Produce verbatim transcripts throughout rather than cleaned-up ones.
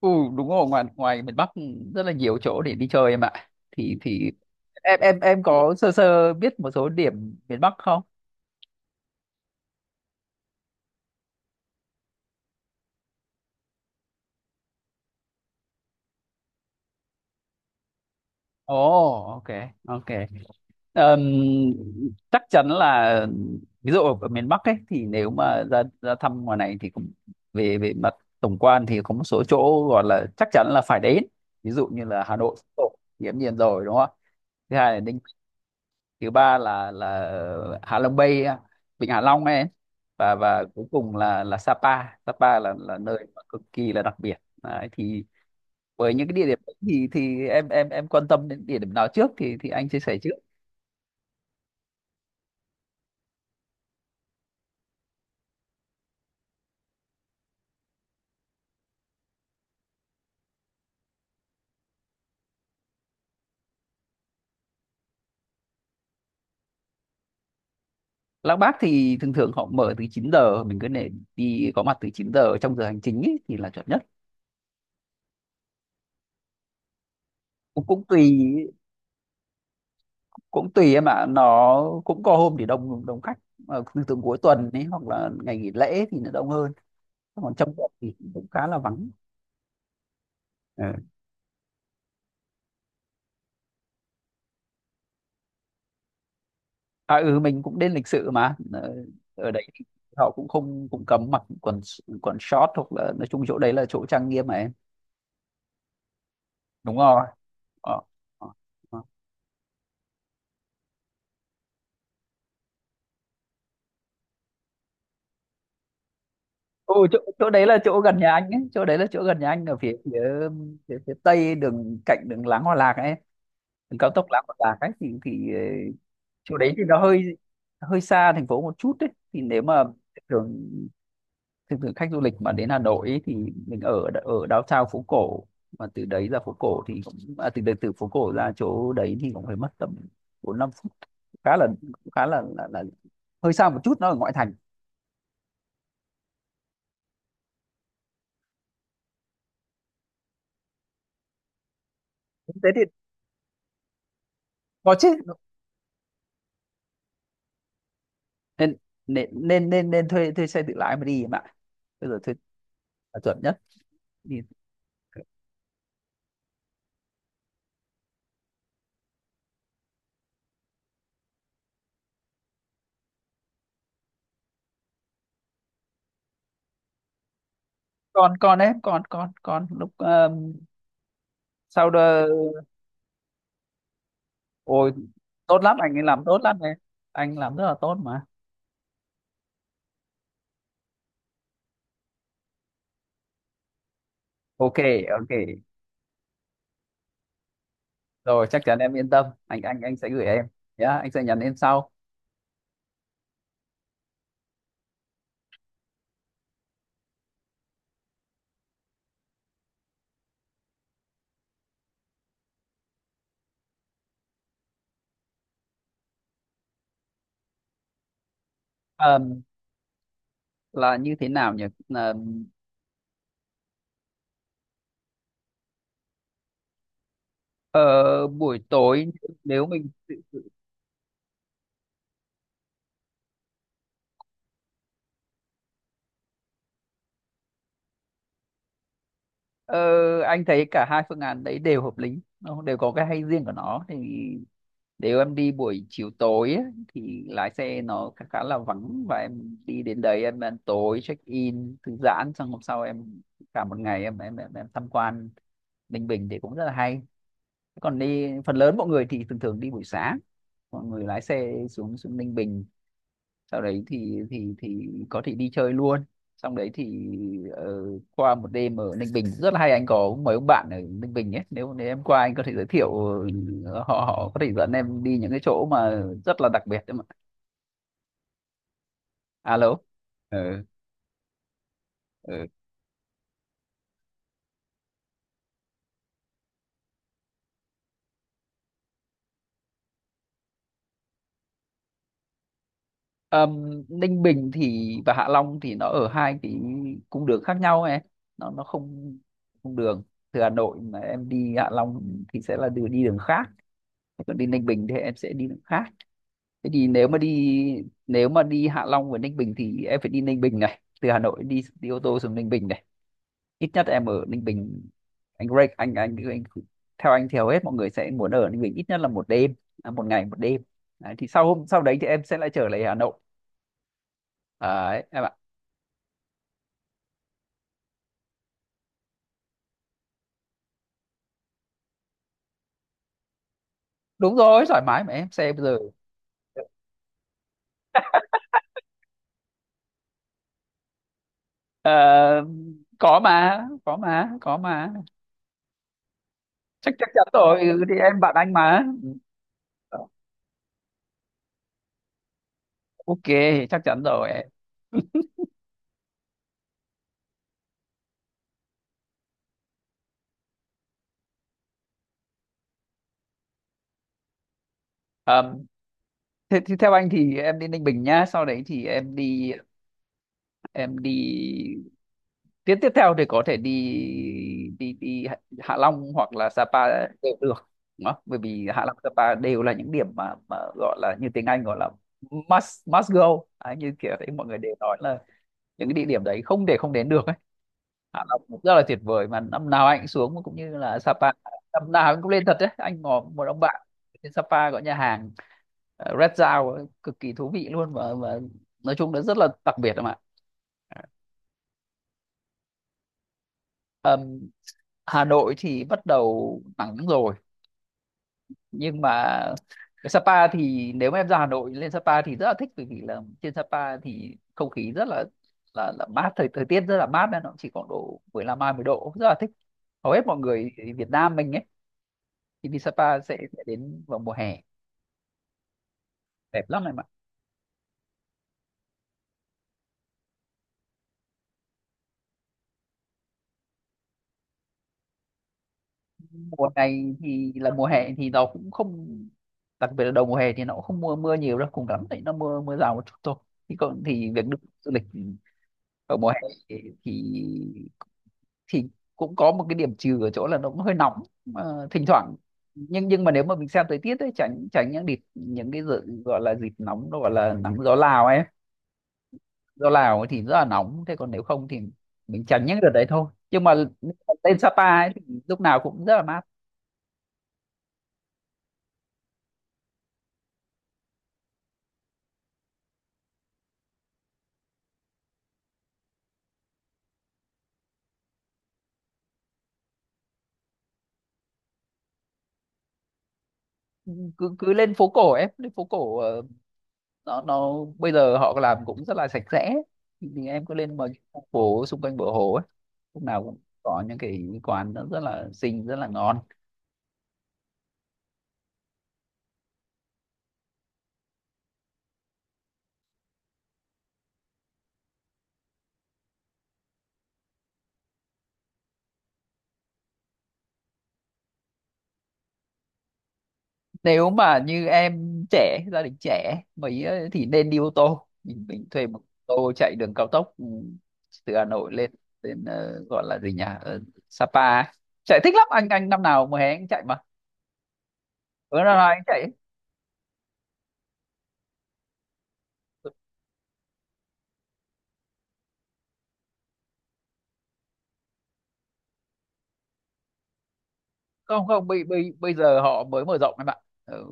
Ừ, đúng rồi, ngoài ngoài miền Bắc rất là nhiều chỗ để đi chơi em ạ, thì thì em em em có sơ sơ biết một số điểm miền Bắc không? Ồ, ok, ok. Ờm, chắc chắn là ví dụ ở ở miền Bắc ấy thì nếu mà ra ra thăm ngoài này thì cũng về về mặt tổng quan thì có một số chỗ gọi là chắc chắn là phải đến, ví dụ như là Hà Nội Tổ, thì hiển nhiên rồi, đúng không ạ? Thứ hai là Ninh, thứ ba là là Hạ Long Bay, Vịnh Hạ Long ấy, và và cuối cùng là là Sapa. Sapa là là nơi mà cực kỳ là đặc biệt. Đấy, thì với những cái địa điểm ấy thì thì em em em quan tâm đến địa điểm nào trước thì thì anh chia sẻ trước. Lăng Bác thì thường thường họ mở từ chín giờ, mình cứ để đi có mặt từ chín giờ trong giờ hành chính ấy, thì là chuẩn nhất. Cũng cũng tùy, cũng tùy em ạ, nó cũng có hôm thì đông đông khách mà thường thường cuối tuần ấy hoặc là ngày nghỉ lễ thì nó đông hơn, còn trong tuần thì cũng khá là vắng. Ừ. À ừ, mình cũng đến lịch sự mà. Ờ, ở đấy thì họ cũng không, cũng cấm mặc quần quần short, hoặc là nói chung chỗ đấy là chỗ trang nghiêm mà em. Đúng rồi. Ờ. ờ, ờ. Ừ chỗ, chỗ đấy là chỗ gần nhà anh ấy, chỗ đấy là chỗ gần nhà anh, ở phía phía phía, phía tây đường, cạnh đường Láng Hòa Lạc ấy, đường cao tốc Láng Hòa Lạc ấy thì thì ờ, chỗ đấy thì nó hơi, hơi xa thành phố một chút. Đấy, thì nếu mà thường, thực sự khách du lịch mà đến Hà Nội ấy, thì mình ở ở downtown phố cổ, mà từ đấy ra phố cổ thì cũng, à, từ từ phố cổ ra chỗ đấy thì cũng phải mất tầm bốn năm phút, khá là, khá là, là là hơi xa một chút, nó ở ngoại thành. Thế thì có chứ, nên nên nên nên, nên thuê thuê xe tự lái mà đi em ạ. Bây giờ thuê là chuẩn nhất đi. Còn còn em, con con còn lúc um, sau đó. Ôi, tốt lắm, anh ấy làm tốt lắm em, anh làm rất là tốt mà. Ok, ok, rồi, chắc chắn em yên tâm, anh anh anh sẽ gửi em nhá, anh sẽ nhắn em sau. Ờm, là như thế nào nhỉ. Ờm, ờ, buổi tối, nếu mình, ờ, anh thấy cả hai phương án đấy đều hợp lý, nó đều có cái hay riêng của nó. Thì nếu em đi buổi chiều tối ấy, thì lái xe nó khá, khá là vắng, và em đi đến đấy, em ăn tối, check in, thư giãn, xong hôm sau em cả một ngày em, em em, em tham quan Ninh Bình thì cũng rất là hay. Còn đi, phần lớn mọi người thì thường thường đi buổi sáng, mọi người lái xe xuống xuống Ninh Bình, sau đấy thì thì thì có thể đi chơi luôn, xong đấy thì, ờ, qua một đêm ở Ninh Bình rất là hay. Anh có mấy ông bạn ở Ninh Bình ấy, nếu nếu em qua anh có thể giới thiệu, ờ, họ họ có thể dẫn em đi những cái chỗ mà rất là đặc biệt đấy mà. Alo. Ừ, ừ. Ờm, Ninh Bình thì và Hạ Long thì nó ở hai cái cung đường khác nhau ấy, nó nó không cung đường. Từ Hà Nội mà em đi Hạ Long thì sẽ là đường đi đường khác, còn đi Ninh Bình thì em sẽ đi đường khác. Thế thì nếu mà đi, nếu mà đi Hạ Long và Ninh Bình thì em phải đi Ninh Bình này, từ Hà Nội đi đi ô tô xuống Ninh Bình này, ít nhất em ở Ninh Bình. Anh Greg, anh anh, anh theo anh thì hầu hết mọi người sẽ muốn ở Ninh Bình ít nhất là một đêm, à, một ngày một đêm. Đấy, thì sau hôm sau đấy thì em sẽ lại trở lại Hà Nội. Đấy, đúng rồi, thoải mái mà em, xe bây giờ. Ờ, có mà, có mà, có mà. Chắc chắc chắn rồi, ừ, thì em bạn anh mà. Ok, chắc chắn rồi em. Ờm, thế thì theo anh thì em đi Ninh Bình nhá, sau đấy thì em đi, em đi tiếp tiếp theo thì có thể đi, đi đi Hạ Hạ Long hoặc là Sapa đều được, đúng không? Bởi vì Hạ Long, Sapa đều là những điểm mà mà gọi là, như tiếng Anh gọi là must must go. Đấy, như kiểu đấy mọi người đều nói là những cái địa điểm đấy không để không đến được ấy. Hạ Long cũng rất là tuyệt vời mà, năm nào anh cũng xuống, cũng như là Sapa năm nào anh cũng lên thật đấy. Anh ngỏ một ông bạn trên Sapa có nhà hàng, ờ, Red Dao ấy, cực kỳ thú vị luôn, và, và nói chung nó rất là đặc biệt em ạ. Ờm, Hà Nội thì bắt đầu nắng rồi, nhưng mà cái Sapa thì nếu mà em ra Hà Nội lên Sapa thì rất là thích, bởi vì là trên Sapa thì không khí rất là, là, là mát, thời thời tiết rất là mát, nên nó chỉ khoảng độ mười lăm hai mươi độ, rất là thích. Hầu hết mọi người Việt Nam mình ấy thì đi Sapa sẽ sẽ đến vào mùa hè, đẹp lắm em ạ. Mùa này thì là mùa hè thì nó cũng không, đặc biệt là đầu mùa hè thì nó cũng không mưa, mưa nhiều đâu, cùng lắm thì nó mưa mưa rào một chút thôi. Thì còn thì việc được du lịch vào mùa hè thì thì thì cũng có một cái điểm trừ ở chỗ là nó cũng hơi nóng mà, thỉnh thoảng. Nhưng nhưng mà nếu mà mình xem thời tiết ấy, tránh tránh những đợt, những cái dự, gọi là dịp nóng, nó gọi là nắng gió Lào ấy, do Lào ấy thì rất là nóng. Thế còn nếu không thì mình tránh những đợt đấy thôi, nhưng mà lên Sapa ấy thì lúc nào cũng rất là mát. Cứ cứ lên phố cổ, em lên phố cổ, ờ, nó nó bây giờ họ làm cũng rất là sạch sẽ, thì, thì em cứ lên mà, phố xung quanh bờ hồ ấy lúc nào cũng có những cái quán nó rất là xinh, rất là ngon. Nếu mà như em trẻ, gia đình trẻ mấy ấy thì nên đi ô tô, mình mình thuê một ô tô chạy đường cao tốc, ừ, từ Hà Nội lên đến, ờ, gọi là gì nhỉ, Ờ, Sapa ấy. Chạy thích lắm, anh anh năm nào mùa hè anh chạy mà, ừ, năm nào anh chạy. Không, không, bây bây bây giờ họ mới mở rộng em ạ, ừ,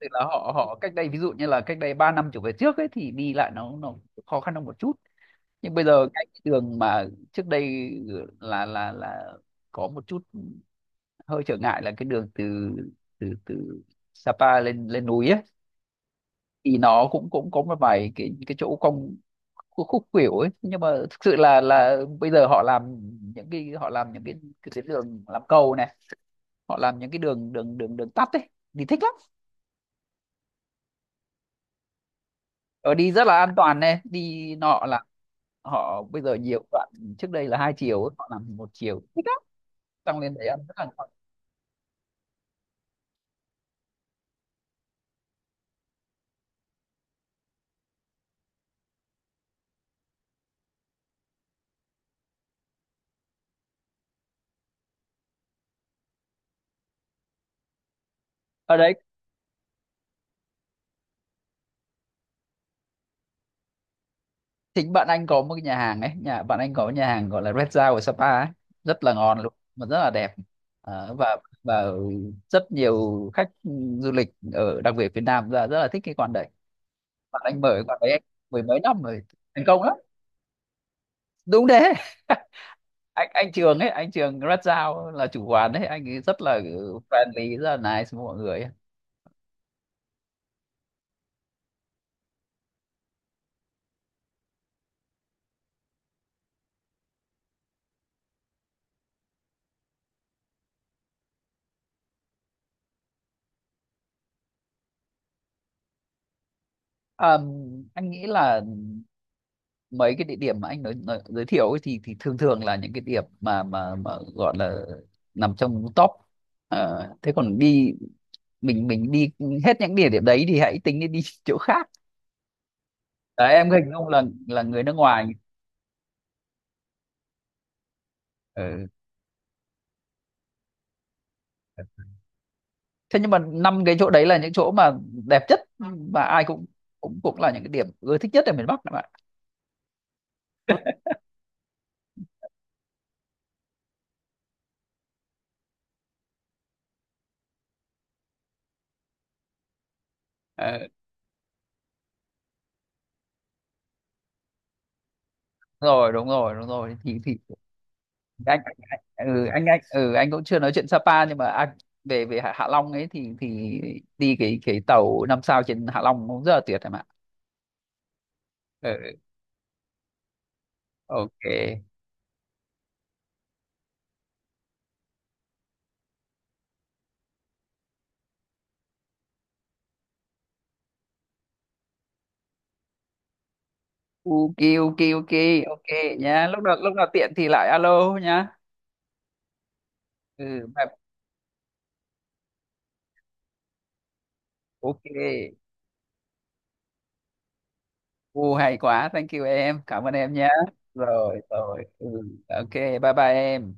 tức là họ họ cách đây, ví dụ như là cách đây ba năm trở về trước ấy thì đi lại nó nó khó khăn hơn một chút. Nhưng bây giờ cái đường mà trước đây là là là có một chút hơi trở ngại, là cái đường từ, từ từ Sapa lên lên núi ấy, thì nó cũng cũng có một vài cái cái chỗ cong, khúc khúc khuỷu ấy. Nhưng mà thực sự là là bây giờ họ làm những cái, họ làm những cái cái tuyến đường, làm cầu này, họ làm những cái đường, đường đường đường tắt ấy, đi thích lắm, ở đi rất là an toàn này, đi nọ là. Họ bây giờ nhiều đoạn trước đây là hai chiều ấy, họ làm một chiều, thích lắm, tăng lên đấy, ăn rất là ngon. Ở đấy, chính bạn anh có một cái nhà hàng ấy, nhà bạn anh có cái nhà hàng gọi là Red Dao ở Sapa ấy, rất là ngon luôn mà rất là đẹp. Ờ, và và rất nhiều khách du lịch ở, đặc biệt Việt Nam ra rất là thích cái quán đấy. Bạn anh mở cái quán đấy mười mấy năm rồi, thành công lắm, đúng thế. anh anh Trường ấy, anh Trường Red Dao là chủ quán ấy, anh ấy rất là friendly, rất là nice với mọi người ấy. Ờ, anh nghĩ là mấy cái địa điểm mà anh nói, nói, giới thiệu ấy thì thì thường thường là những cái điểm mà mà mà gọi là nằm trong top. Ờ, thế còn đi, mình mình đi hết những địa điểm đấy thì hãy tính đi đi chỗ khác. Đấy, em hình dung là là người nước ngoài. Ừ. Thế nhưng mà năm cái chỗ đấy là những chỗ mà đẹp nhất, và ai cũng, cũng cũng là những cái điểm ưa thích nhất ở miền Bắc các bạn. Ờ, rồi, đúng rồi, đúng rồi thì thì anh, anh- ừ anh anh ừ anh cũng chưa nói chuyện Sapa, nhưng mà anh về về Hạ Hạ Long ấy thì thì đi cái cái tàu năm sao trên Hạ Long cũng rất là tuyệt em ạ. Ừ, ok, ok, ok, ok, ok, nhá, lúc nào lúc nào tiện thì lại alo nhá. Ừ, bye. Ok. U, hay quá, thank you, em cảm ơn em nhá. Rồi, rồi, ừ, ok, bye bye em.